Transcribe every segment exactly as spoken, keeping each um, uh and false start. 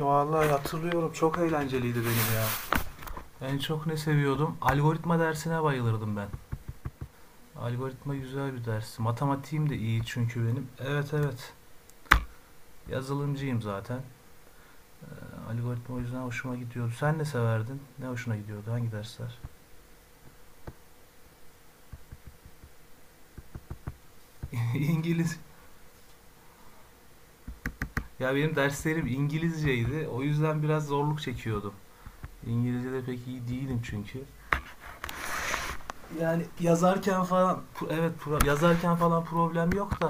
Vallahi hatırlıyorum, çok eğlenceliydi benim ya. En çok ne seviyordum? Algoritma dersine bayılırdım ben. Algoritma güzel bir ders. Matematiğim de iyi çünkü benim. Evet, evet. Yazılımcıyım zaten. Ee, Algoritma o yüzden hoşuma gidiyordu. Sen ne severdin? Ne hoşuna gidiyordu? Hangi dersler? İngiliz. Ya benim derslerim İngilizceydi. O yüzden biraz zorluk çekiyordum. İngilizce'de pek iyi değilim çünkü. Yani yazarken falan, evet, pro- yazarken falan problem yok da,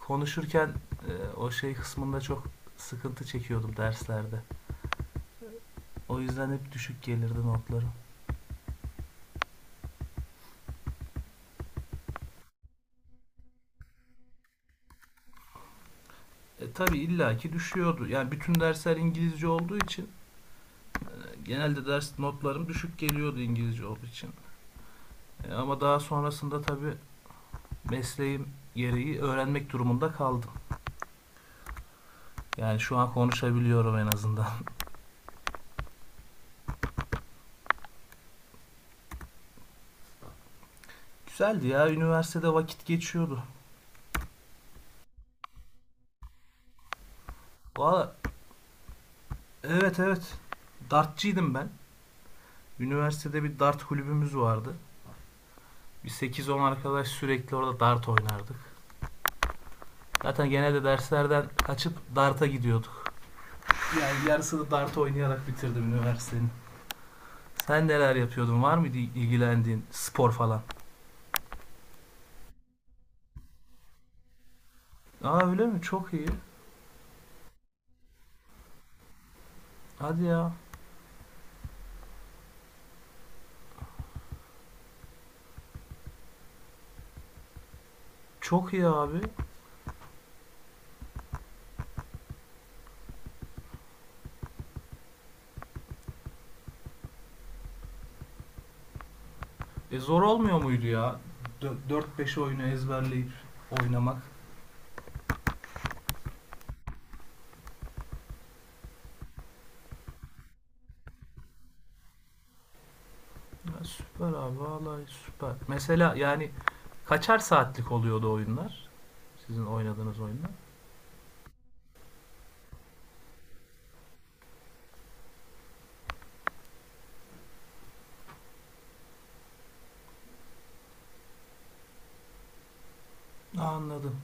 konuşurken e, o şey kısmında çok sıkıntı çekiyordum derslerde. O yüzden hep düşük gelirdi notlarım. E, tabii illaki düşüyordu. Yani bütün dersler İngilizce olduğu için e, genelde ders notlarım düşük geliyordu İngilizce olduğu için. E, ama daha sonrasında tabii mesleğim gereği öğrenmek durumunda kaldım. Yani şu an konuşabiliyorum en azından. Güzeldi ya, üniversitede vakit geçiyordu. Valla, evet, evet, dartçıydım ben. Üniversitede bir dart kulübümüz vardı. Bir sekiz on arkadaş sürekli orada dart oynardık. Zaten genelde derslerden kaçıp darta gidiyorduk. Yani yarısını dart oynayarak bitirdim üniversitenin. Sen neler yapıyordun? Var mıydı ilgilendiğin spor falan? Aa, öyle mi? Çok iyi. Hadi ya. Çok iyi abi. E zor olmuyor muydu ya? dört beş oyunu ezberleyip oynamak. Ya süper abi, vallahi süper. Mesela, yani kaçar saatlik oluyordu oyunlar? Sizin oynadığınız oyunlar? Anladım.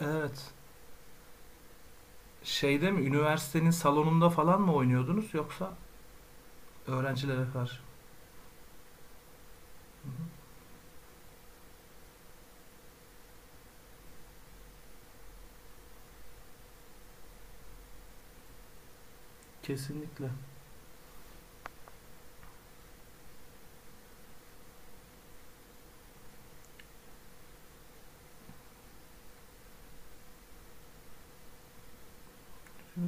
Evet. Şeyde mi, üniversitenin salonunda falan mı oynuyordunuz, yoksa öğrencilere karşı? Hı-hı. Kesinlikle. Hı-hı.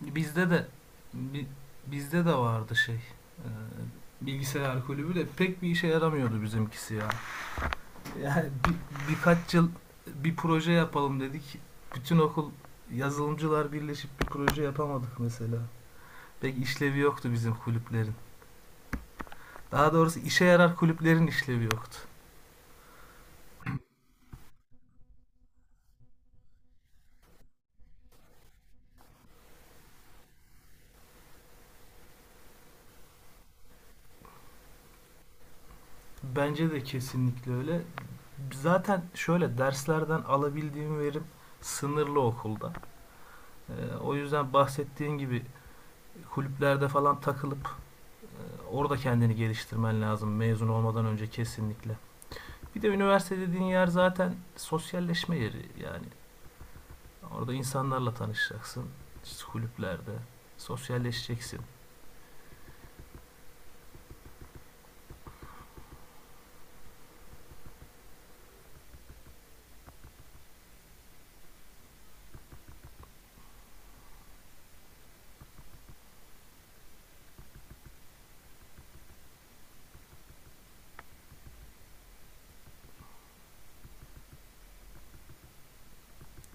Bizde de bi- bizde de vardı şey. E, bilgisayar kulübü de pek bir işe yaramıyordu bizimkisi ya. Yani bir- birkaç yıl bir proje yapalım dedik. Bütün okul yazılımcılar birleşip bir proje yapamadık mesela. Pek işlevi yoktu bizim kulüplerin. Daha doğrusu işe yarar kulüplerin işlevi yoktu. Bence de kesinlikle öyle. Zaten şöyle derslerden alabildiğim verim sınırlı okulda. Ee, o yüzden bahsettiğin gibi kulüplerde falan takılıp e, orada kendini geliştirmen lazım mezun olmadan önce, kesinlikle. Bir de üniversite dediğin yer zaten sosyalleşme yeri yani. Orada insanlarla tanışacaksın, işte kulüplerde. Sosyalleşeceksin.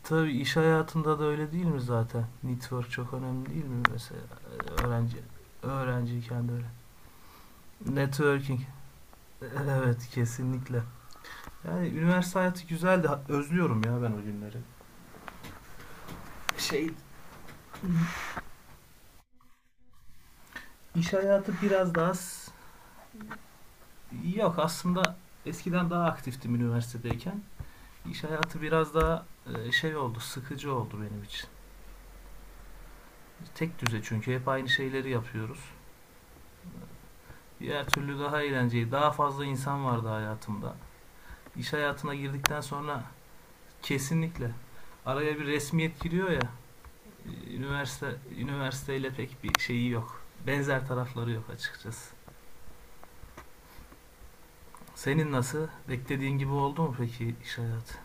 Tabii iş hayatında da öyle, değil mi zaten? Network çok önemli, değil mi mesela? Ee, Öğrenci Öğrenciyken de öyle. Networking. Evet, kesinlikle. Yani üniversite hayatı güzeldi. Özlüyorum ya ben o günleri. Şey, iş hayatı biraz daha s- yok aslında, eskiden daha aktiftim üniversitedeyken. İş hayatı biraz daha e, şey oldu, sıkıcı oldu benim için. Tek düze çünkü hep aynı şeyleri yapıyoruz. Diğer türlü daha eğlenceli, daha fazla insan vardı hayatımda. İş hayatına girdikten sonra kesinlikle araya bir resmiyet giriyor ya. üniversite üniversiteyle pek bir şeyi yok. Benzer tarafları yok açıkçası. Senin nasıl? Beklediğin gibi oldu mu peki iş hayatı?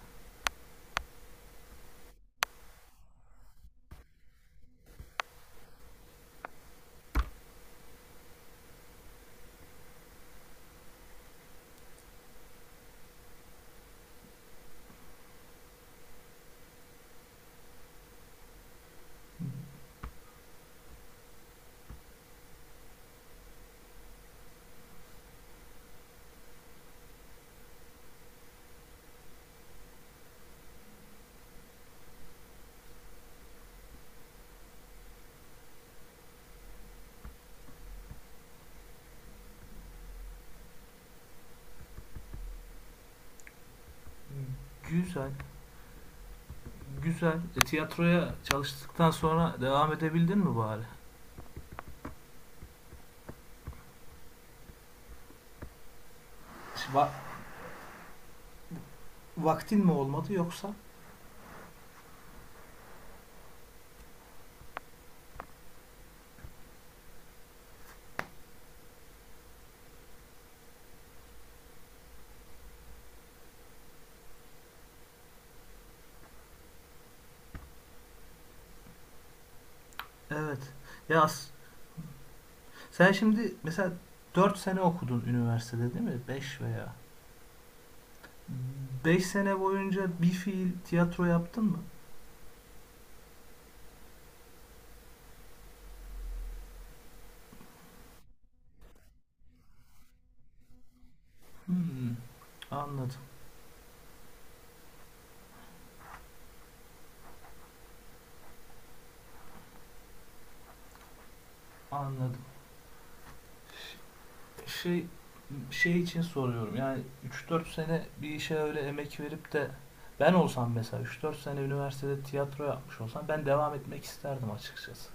Güzel. Güzel. E, tiyatroya çalıştıktan sonra devam edebildin mi bari? Va- Vaktin mi olmadı yoksa? Evet. Ya as- sen şimdi mesela dört sene okudun üniversitede, değil mi? Beş veya beş sene boyunca bir fiil tiyatro yaptın mı? Hmm. Anladım. Anladım. şey şey için soruyorum. Yani üç dört sene bir işe öyle emek verip de, ben olsam mesela üç dört sene üniversitede tiyatro yapmış olsam, ben devam etmek isterdim açıkçası.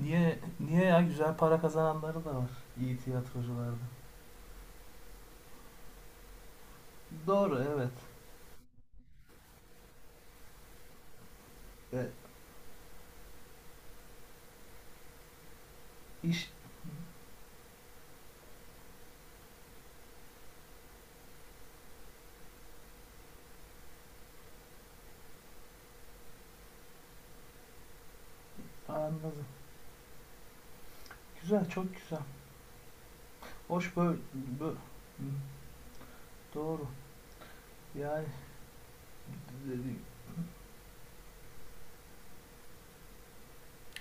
Niye, niye ya, güzel para kazananları da var iyi tiyatrocularda. Doğru, evet. E, iş Anladım. Güzel, çok güzel. Hoş böyle, bö- doğru. Yani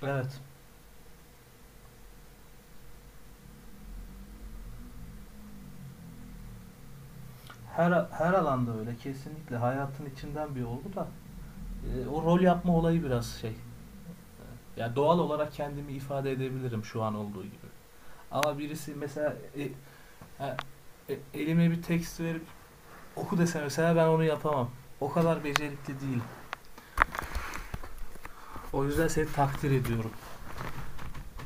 evet. Her her alanda öyle, kesinlikle hayatın içinden bir olgu da, e, o rol yapma olayı biraz şey. Ya, doğal olarak kendimi ifade edebilirim, şu an olduğu gibi. Ama birisi mesela e, ha, e, elime bir tekst verip oku dese, mesela ben onu yapamam. O kadar becerikli değil. O yüzden seni takdir ediyorum.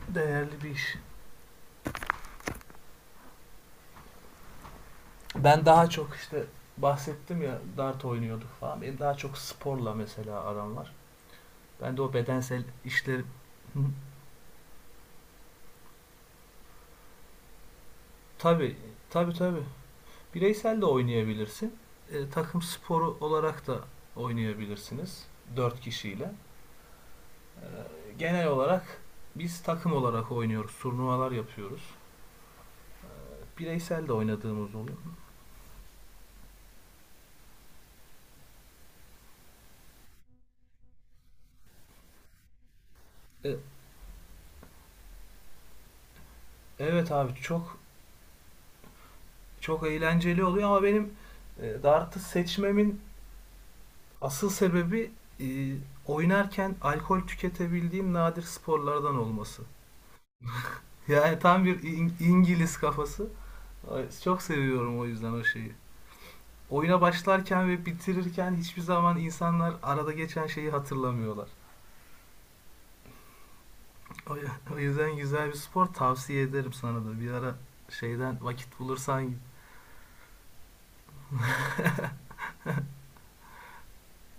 Değerli bir iş. Ben daha çok işte bahsettim ya, dart oynuyorduk falan. Benim daha çok sporla mesela aram var. Ben de o bedensel işleri. Tabi, tabi, tabi, bireysel de oynayabilirsin. E, takım sporu olarak da oynayabilirsiniz, dört kişiyle. Genel olarak biz takım olarak oynuyoruz. Turnuvalar yapıyoruz. Bireysel de oynadığımız oluyor. E, evet abi, çok çok eğlenceli oluyor, ama benim e, dartı seçmemin asıl sebebi e, oynarken alkol tüketebildiğim nadir sporlardan olması. Yani tam bir İng- İngiliz kafası. Çok seviyorum o yüzden o şeyi. Oyuna başlarken ve bitirirken hiçbir zaman insanlar arada geçen şeyi hatırlamıyorlar. O yüzden güzel bir spor, tavsiye ederim sana da. Bir ara şeyden vakit bulursan,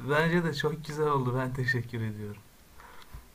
bence de çok güzel oldu. Ben teşekkür ediyorum.